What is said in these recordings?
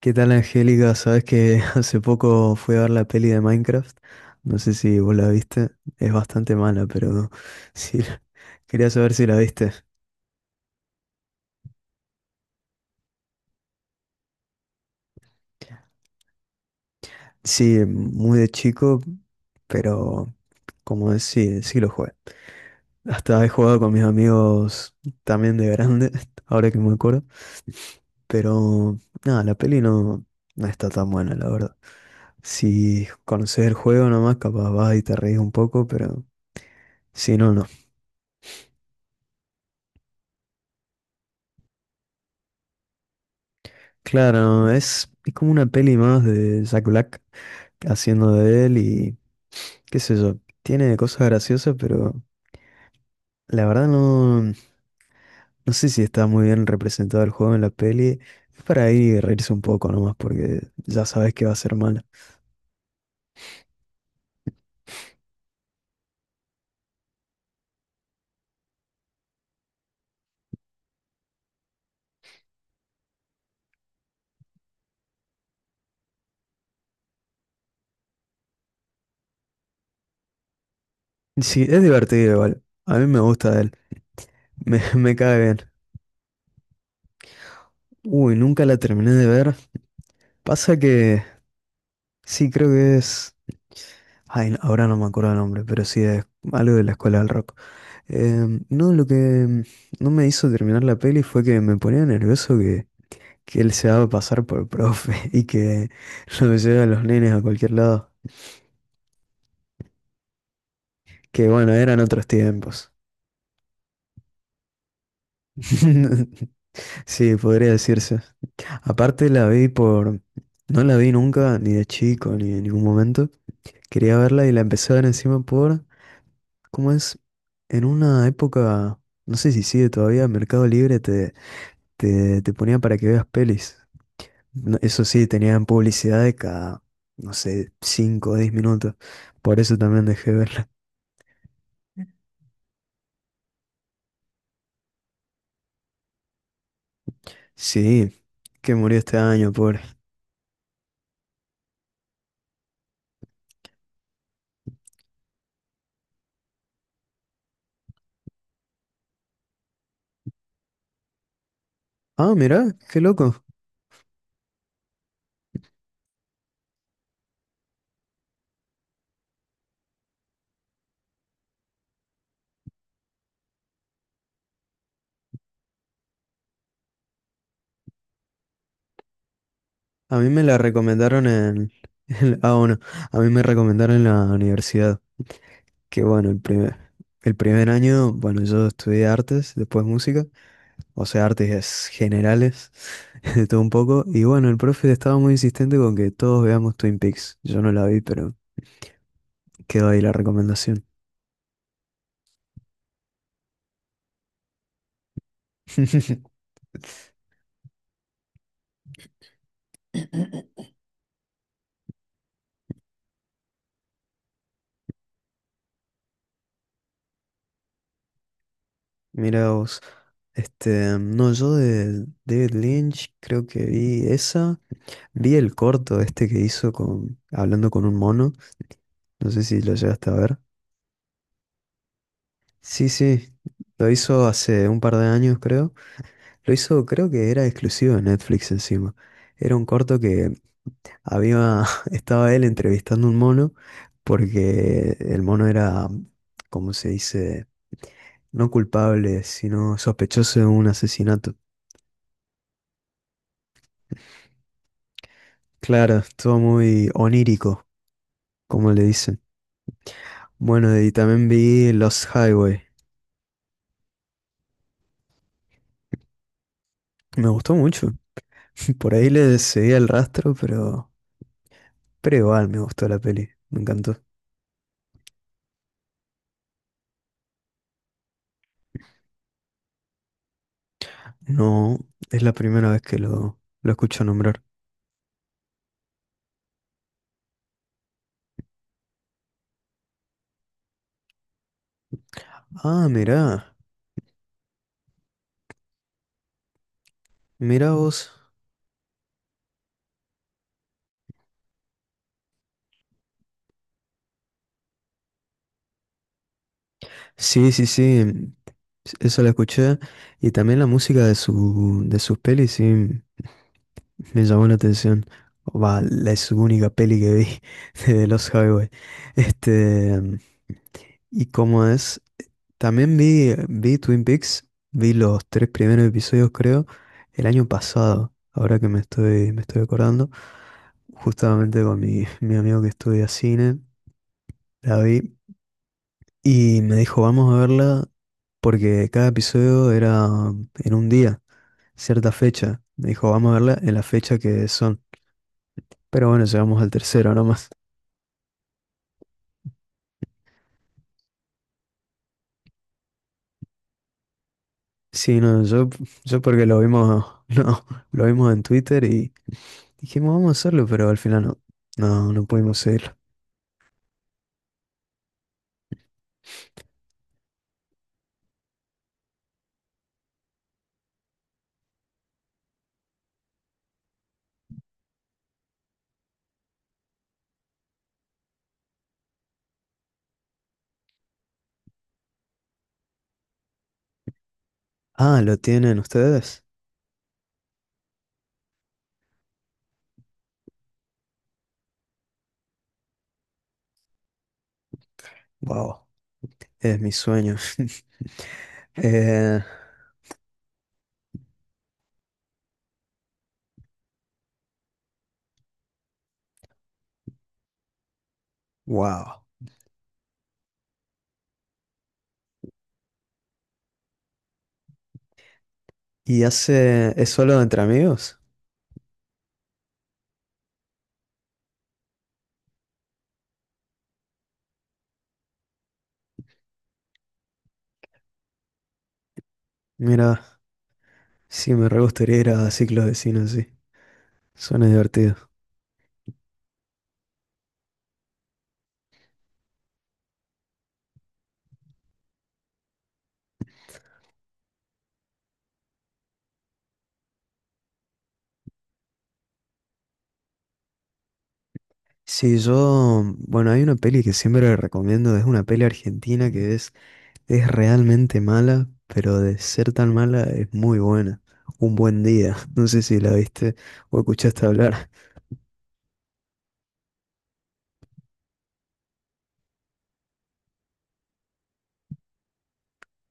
¿Qué tal, Angélica? Sabes que hace poco fui a ver la peli de Minecraft. No sé si vos la viste. Es bastante mala, pero sí. Quería saber si la viste. Sí, muy de chico, pero como es, sí lo jugué. Hasta he jugado con mis amigos también de grande, ahora que me acuerdo. Pero nada, la peli no, no está tan buena, la verdad. Si conoces el juego nomás, capaz vas y te reís un poco, pero si no, no. Claro, es como una peli más de Jack Black haciendo de él y qué sé yo, tiene cosas graciosas, pero la verdad no, no sé si está muy bien representado el juego en la peli. Es para ir reírse un poco nomás porque ya sabes que va a ser mala. Sí, es divertido igual. A mí me gusta él, me cae bien. Uy, nunca la terminé de ver. Pasa que sí, creo que es... Ay, ahora no me acuerdo el nombre, pero sí es algo de la escuela del rock. No, lo que no me hizo terminar la peli fue que me ponía nervioso que él se daba pasar por profe y que lo lleva a los nenes a cualquier lado. Que bueno, eran otros tiempos. Sí, podría decirse. Aparte la vi por... No la vi nunca, ni de chico, ni en ningún momento. Quería verla y la empecé a ver encima por... ¿Cómo es? En una época, no sé si sigue todavía, Mercado Libre te ponía para que veas pelis. No, eso sí, tenían publicidad de cada, no sé, 5 o 10 minutos. Por eso también dejé de verla. Sí, que murió este año, pobre. Ah, mirá, qué loco. A mí me la recomendaron en... ah, bueno, a mí me recomendaron en la universidad. Que bueno, el primer año, bueno, yo estudié artes, después música. O sea, artes generales, de todo un poco. Y bueno, el profe estaba muy insistente con que todos veamos Twin Peaks. Yo no la vi, pero quedó ahí la recomendación. Mira vos, este, no, yo de David Lynch creo que vi esa, vi el corto este que hizo con, hablando con un mono, no sé si lo llegaste a ver. Sí, lo hizo hace un par de años creo, lo hizo, creo que era exclusivo de Netflix encima. Era un corto que había, estaba él entrevistando a un mono, porque el mono era, como se dice, no culpable, sino sospechoso de un asesinato. Claro, estuvo muy onírico, como le dicen. Bueno, y también vi Los Highway. Me gustó mucho. Por ahí le seguí el rastro, pero igual me gustó la peli. Me encantó. No, es la primera vez que lo escucho nombrar. Ah, mirá, mirá vos. Sí, sí, sí. Eso la escuché. Y también la música de de sus pelis, sí. Me llamó la atención. Va, es su única peli que vi de los Highway. Este, y como es, también vi Twin Peaks, vi los tres primeros episodios, creo, el año pasado, ahora que me estoy acordando, justamente con mi amigo que estudia cine, la vi, y me dijo, vamos a verla, porque cada episodio era en un día, cierta fecha. Me dijo, vamos a verla en la fecha que son. Pero bueno, llegamos al tercero nomás. Sí, no, yo porque lo vimos, no, lo vimos en Twitter y dijimos vamos a hacerlo, pero al final no, no pudimos seguirlo. Ah, ¿lo tienen ustedes? Wow, es mi sueño. Eh, wow. ¿Y hace, es solo entre amigos? Mira, sí, me re gustaría ir a ciclos de cine sí. Suena divertido. Sí, yo, bueno, hay una peli que siempre recomiendo, es una peli argentina que es... Es realmente mala, pero de ser tan mala es muy buena. Un buen día. No sé si la viste o escuchaste hablar.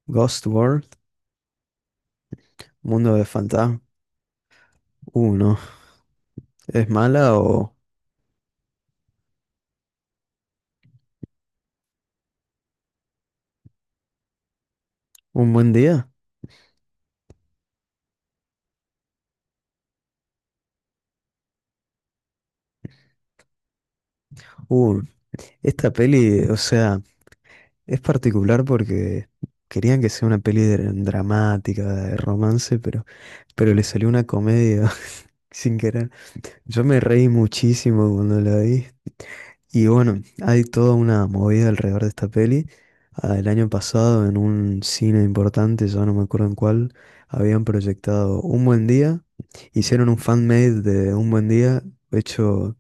Ghost World, Mundo de Fantasma. No. ¿Es mala o un buen día? Uh, esta peli, o sea, es particular porque querían que sea una peli dramática, de romance, pero le salió una comedia sin querer. Yo me reí muchísimo cuando la vi. Y bueno, hay toda una movida alrededor de esta peli. Ah, el año pasado, en un cine importante, ya no me acuerdo en cuál, habían proyectado Un Buen Día, hicieron un fan-made de Un Buen Día, hecho,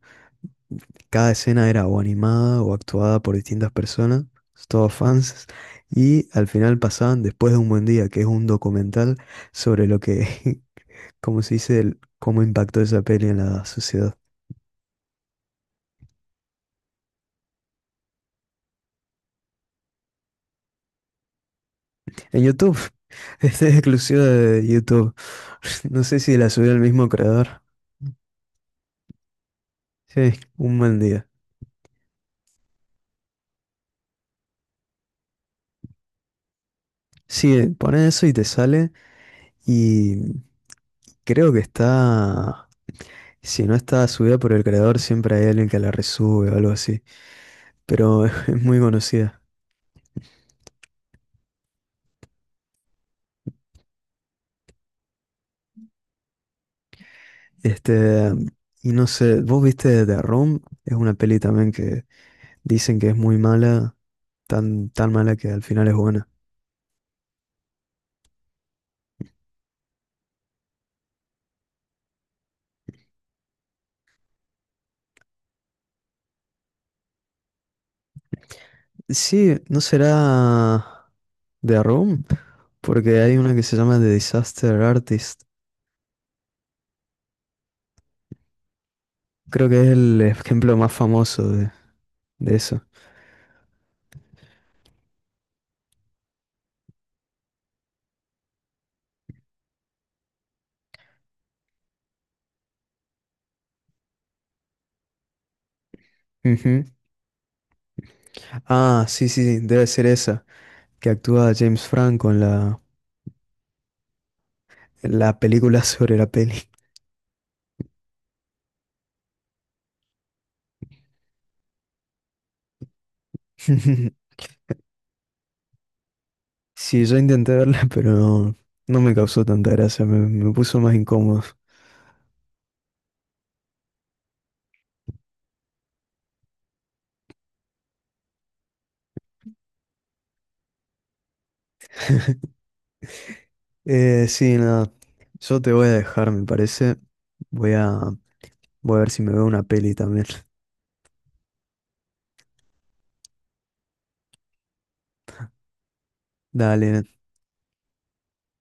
cada escena era o animada o actuada por distintas personas, todos fans, y al final pasaban Después de Un Buen Día, que es un documental sobre lo que, como se dice, cómo impactó esa peli en la sociedad. En YouTube. Este es exclusivo de YouTube. No sé si la subió el mismo creador. Sí, un buen día. Sí, pone eso y te sale. Y creo que está. Si no está subida por el creador, siempre hay alguien que la resube o algo así. Pero es muy conocida. Este. Y no sé, ¿vos viste The Room? Es una peli también que dicen que es muy mala. Tan, tan mala que al final es buena. Sí, ¿no será The Room? Porque hay una que se llama The Disaster Artist. Creo que es el ejemplo más famoso de eso. Ujú. Ah, sí, sí, sí, debe ser esa, que actúa James Franco en la película sobre la peli. Sí, yo intenté verla, pero no, no me causó tanta gracia, me puso más incómodo. Sí, nada, yo te voy a dejar, me parece. Voy a, voy a ver si me veo una peli también. Dale,